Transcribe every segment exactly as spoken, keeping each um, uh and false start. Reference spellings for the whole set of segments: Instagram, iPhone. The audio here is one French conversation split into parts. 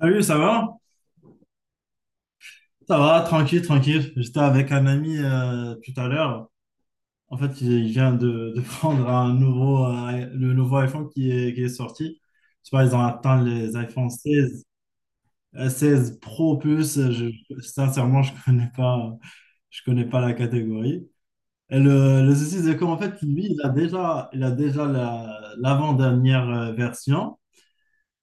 Salut, ça va? Ça va, tranquille, tranquille. J'étais avec un ami euh, tout à l'heure. En fait, il il vient de, de prendre un nouveau, euh, le nouveau iPhone qui est, qui est sorti. Tu vois, ils ont atteint les iPhone seize, euh, seize Pro Plus. Je, sincèrement, je connais pas, je connais pas la catégorie. Et le, le souci, c'est qu'en fait, lui, il a déjà, il a déjà la, l'avant-dernière euh, version.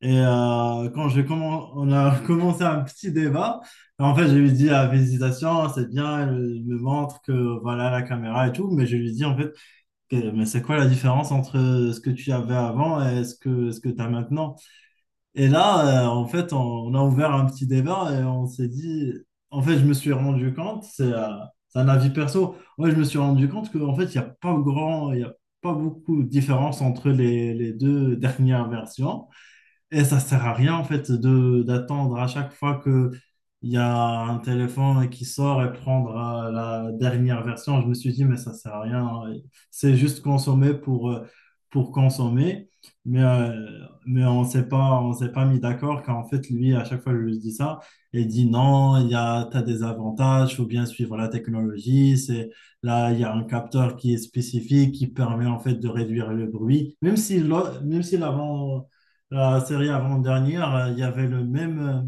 Et euh, quand j'ai commen- on a commencé un petit débat. En fait, je lui dis, ah, félicitations, c'est bien, elle me montre que voilà la caméra et tout, mais je lui dis en fait, que- mais c'est quoi la différence entre ce que tu avais avant et ce que ce que tu as maintenant? Et là, euh, en fait, on, on a ouvert un petit débat et on s'est dit, en fait, je me suis rendu compte, c'est euh, c'est un avis perso. Ouais, je me suis rendu compte qu'en fait, il n'y a pas grand, il y a pas beaucoup de différence entre les les deux dernières versions. Et ça sert à rien en fait de d'attendre à chaque fois que il y a un téléphone qui sort et prendre euh, la dernière version. Je me suis dit mais ça sert à rien, hein. C'est juste consommer pour euh, pour consommer. Mais euh, mais on s'est pas on s'est pas mis d'accord, car en fait lui, à chaque fois je lui dis ça, et il dit non, il y a, t'as des avantages, faut bien suivre la technologie, c'est… Là, il y a un capteur qui est spécifique, qui permet en fait de réduire le bruit, même si l'au- même si l'avant- la série avant-dernière, euh, il y avait le même, euh,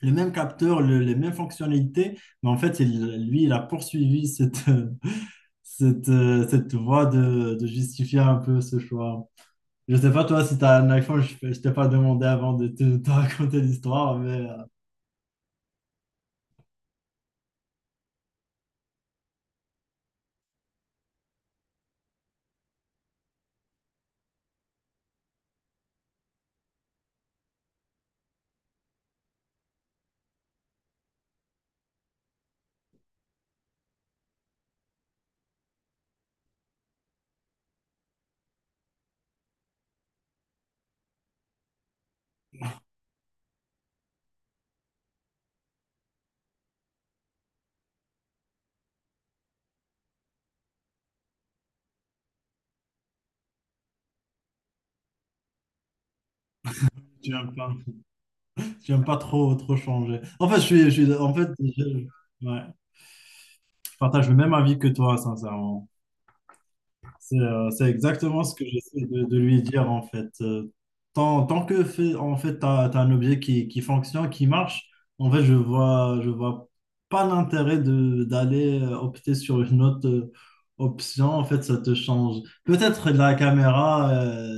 le même capteur, le- les mêmes fonctionnalités, mais en fait, il, lui, il a poursuivi cette, euh, cette, euh, cette voie de, de justifier un peu ce choix. Je sais pas, toi, si tu as un iPhone, je ne t'ai pas demandé avant de te, te raconter l'histoire, mais euh, tu n'aimes pas, tu aimes pas trop, trop changer. En fait, je suis, je suis- en fait, je, ouais, je partage le même avis que toi, sincèrement. C'est euh, c'est exactement ce que j'essaie de, de lui dire en fait. Euh, tant, tant que fait, en fait, tu as un objet qui, qui fonctionne, qui marche, en fait, je vois, je vois pas l'intérêt de d'aller euh, opter sur une autre euh, option. En fait, ça te change. Peut-être la caméra, euh,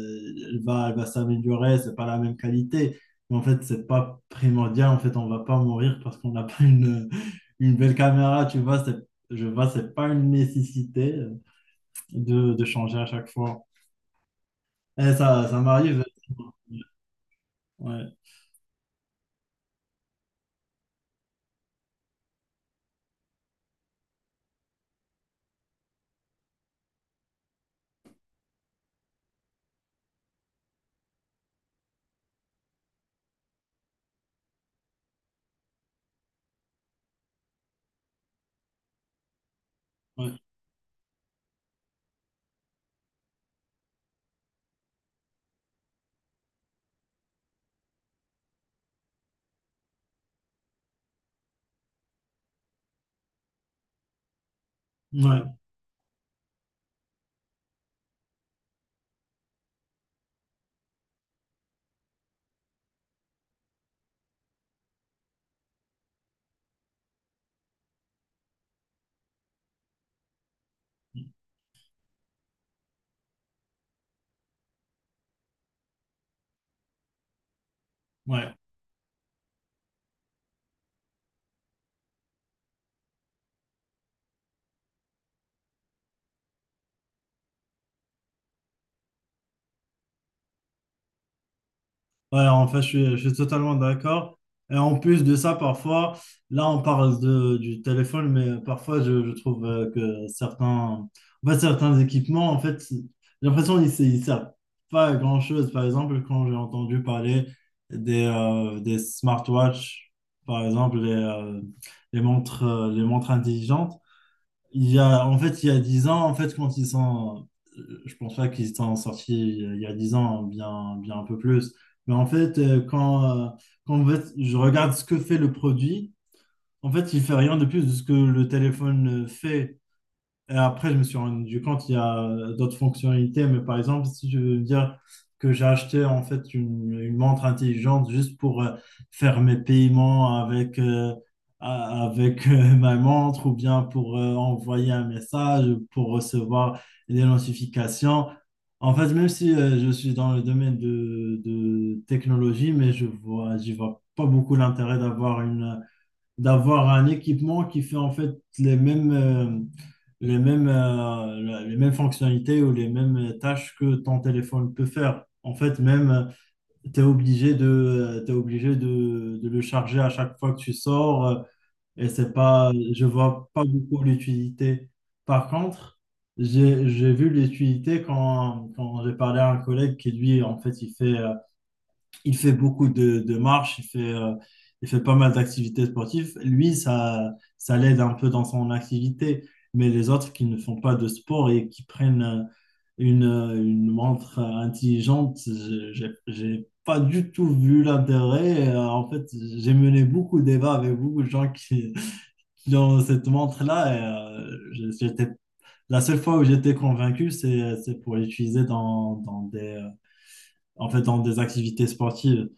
elle va, elle va s'améliorer, c'est pas la même qualité, mais en fait, c'est pas primordial. En fait, on va pas mourir parce qu'on n'a pas une, une belle caméra, tu vois. c'est- Je vois, c'est pas une nécessité de, de changer à chaque fois. Et ça, ça m'arrive. Ouais, ouais, ouais, ouais. Ouais, en fait, je suis, je suis totalement d'accord. Et en plus de ça, parfois, là, on parle de, du téléphone, mais parfois, je, je trouve euh, que certains, en fait, certains équipements, en fait, j'ai l'impression qu'ils ne ils servent pas à grand-chose. Par exemple, quand j'ai entendu parler des, euh, des smartwatches, par exemple, les, euh, les montres, euh, les montres intelligentes. Il y a, en fait, il y a dix ans, en fait, quand ils sont, euh, je pense pas qu'ils sont sortis euh, il y a dix ans, hein, bien, bien un peu plus. Mais en fait, euh, quand, euh, quand en fait, je regarde ce que fait le produit, en fait, il fait rien de plus de ce que le téléphone euh, fait. Et après, je me suis rendu compte il y a d'autres fonctionnalités, mais par exemple, si je veux dire que j'ai acheté en fait une, une montre intelligente juste pour euh, faire mes paiements avec, euh, a- avec euh, ma montre, ou bien pour euh, envoyer un message, ou pour recevoir des notifications. En fait, même si euh, je suis dans le domaine de, de technologie, mais je vois, j'y vois pas beaucoup l'intérêt d'avoir une d'avoir un équipement qui fait en fait les mêmes, euh, les mêmes, euh, la- les mêmes fonctionnalités ou les mêmes tâches que ton téléphone peut faire. En fait, même, tu es obligé de, euh, t'es obligé de, de le charger à chaque fois que tu sors euh, et c'est pas, je vois pas beaucoup l'utilité. Par contre, j'ai, j'ai vu l'utilité quand, quand j'ai parlé à un collègue qui, lui, en fait, il fait euh, il fait beaucoup de, de marches, il fait, euh, il fait pas mal d'activités sportives. Lui, ça, ça l'aide un peu dans son activité, mais les autres qui ne font pas de sport et qui prennent euh, une, euh, une montre euh, intelligente, je- j'ai j'ai pas du tout vu l'intérêt. Euh, En fait, j'ai mené beaucoup de débats avec beaucoup de gens qui qui ont cette montre-là. Et, euh, je- j'étais, la seule fois où j'étais convaincu, c'est c'est pour l'utiliser dans, dans des, euh, en fait, dans des activités sportives.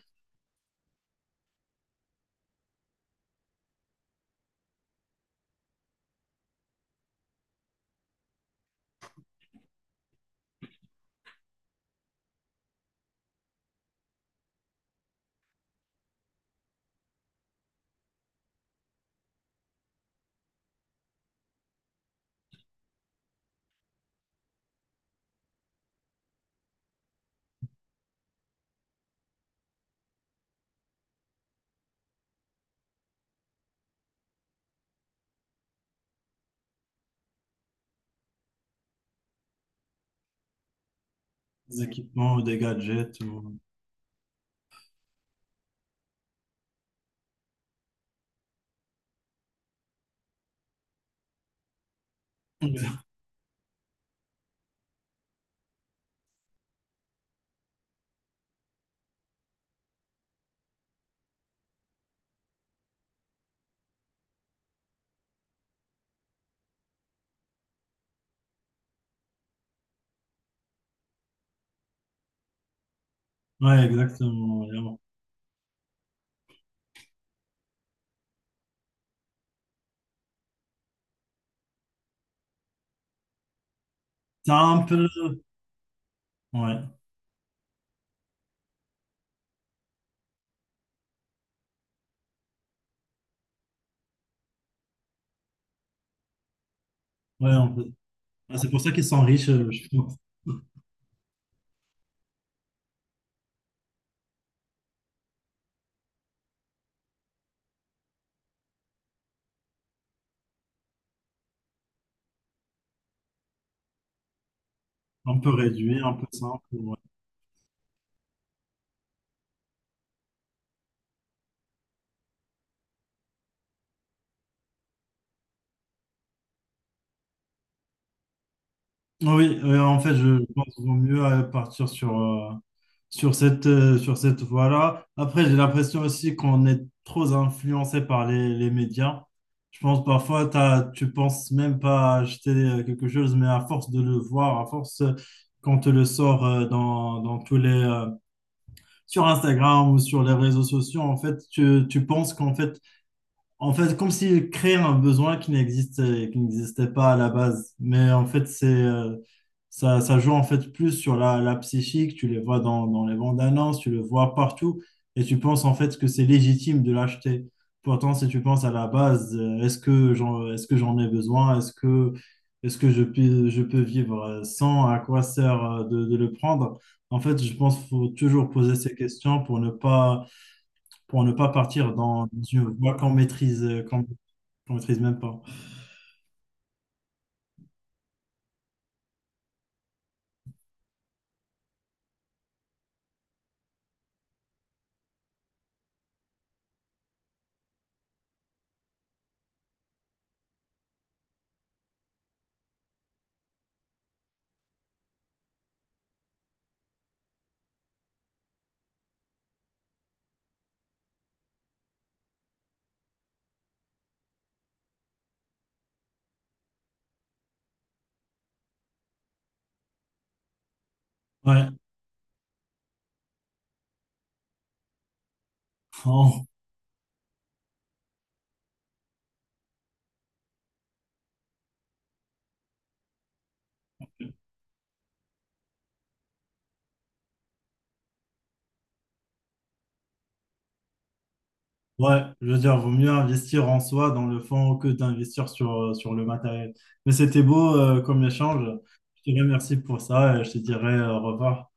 Des équipements ou des gadgets. Ou… Ouais, exactement. Ouais. Ouais. C'est un peu. Ouais, ouais, un peu. Ah, c'est pour ça qu'ils sont riches, euh, je pense. Un peu réduit, un peu simple. Ouais. Ah oui, euh, en fait, je pense qu'il vaut mieux euh, partir sur, euh, sur cette, euh, sur cette voie-là. Après, j'ai l'impression aussi qu'on est trop influencé par les, les médias. Je pense parfois, t'as, tu penses même pas à acheter euh, quelque chose, mais à force de le voir, à force euh, qu'on te le sort euh, dans, dans tous les, euh, sur Instagram ou sur les réseaux sociaux, en fait, tu, tu penses qu'en fait, en fait, comme s'il créait un besoin qui n'existait, qui n'existait pas à la base. Mais en fait, c'est, euh, ça, ça joue en fait plus sur la, la psychique. Tu les vois dans, dans les bandes annonces, tu le vois partout. Et tu penses en fait que c'est légitime de l'acheter. Pourtant, si tu penses à la base, euh, est-ce que j'en, est-ce que j'en ai besoin? Est-ce que, est-ce que je peux, je peux vivre euh, sans? À quoi sert euh, de, de le prendre? En fait, je pense qu'il faut toujours poser ces questions pour ne pas pour ne pas partir dans une voie qu'on maîtrise, euh, qu'on qu'on maîtrise même pas. Ouais, en- ouais, je veux dire, vaut mieux investir en soi dans le fond que d'investir sur, euh, sur le matériel. Mais c'était beau euh, comme échange. Je te remercie pour ça et je te dirai euh, au revoir.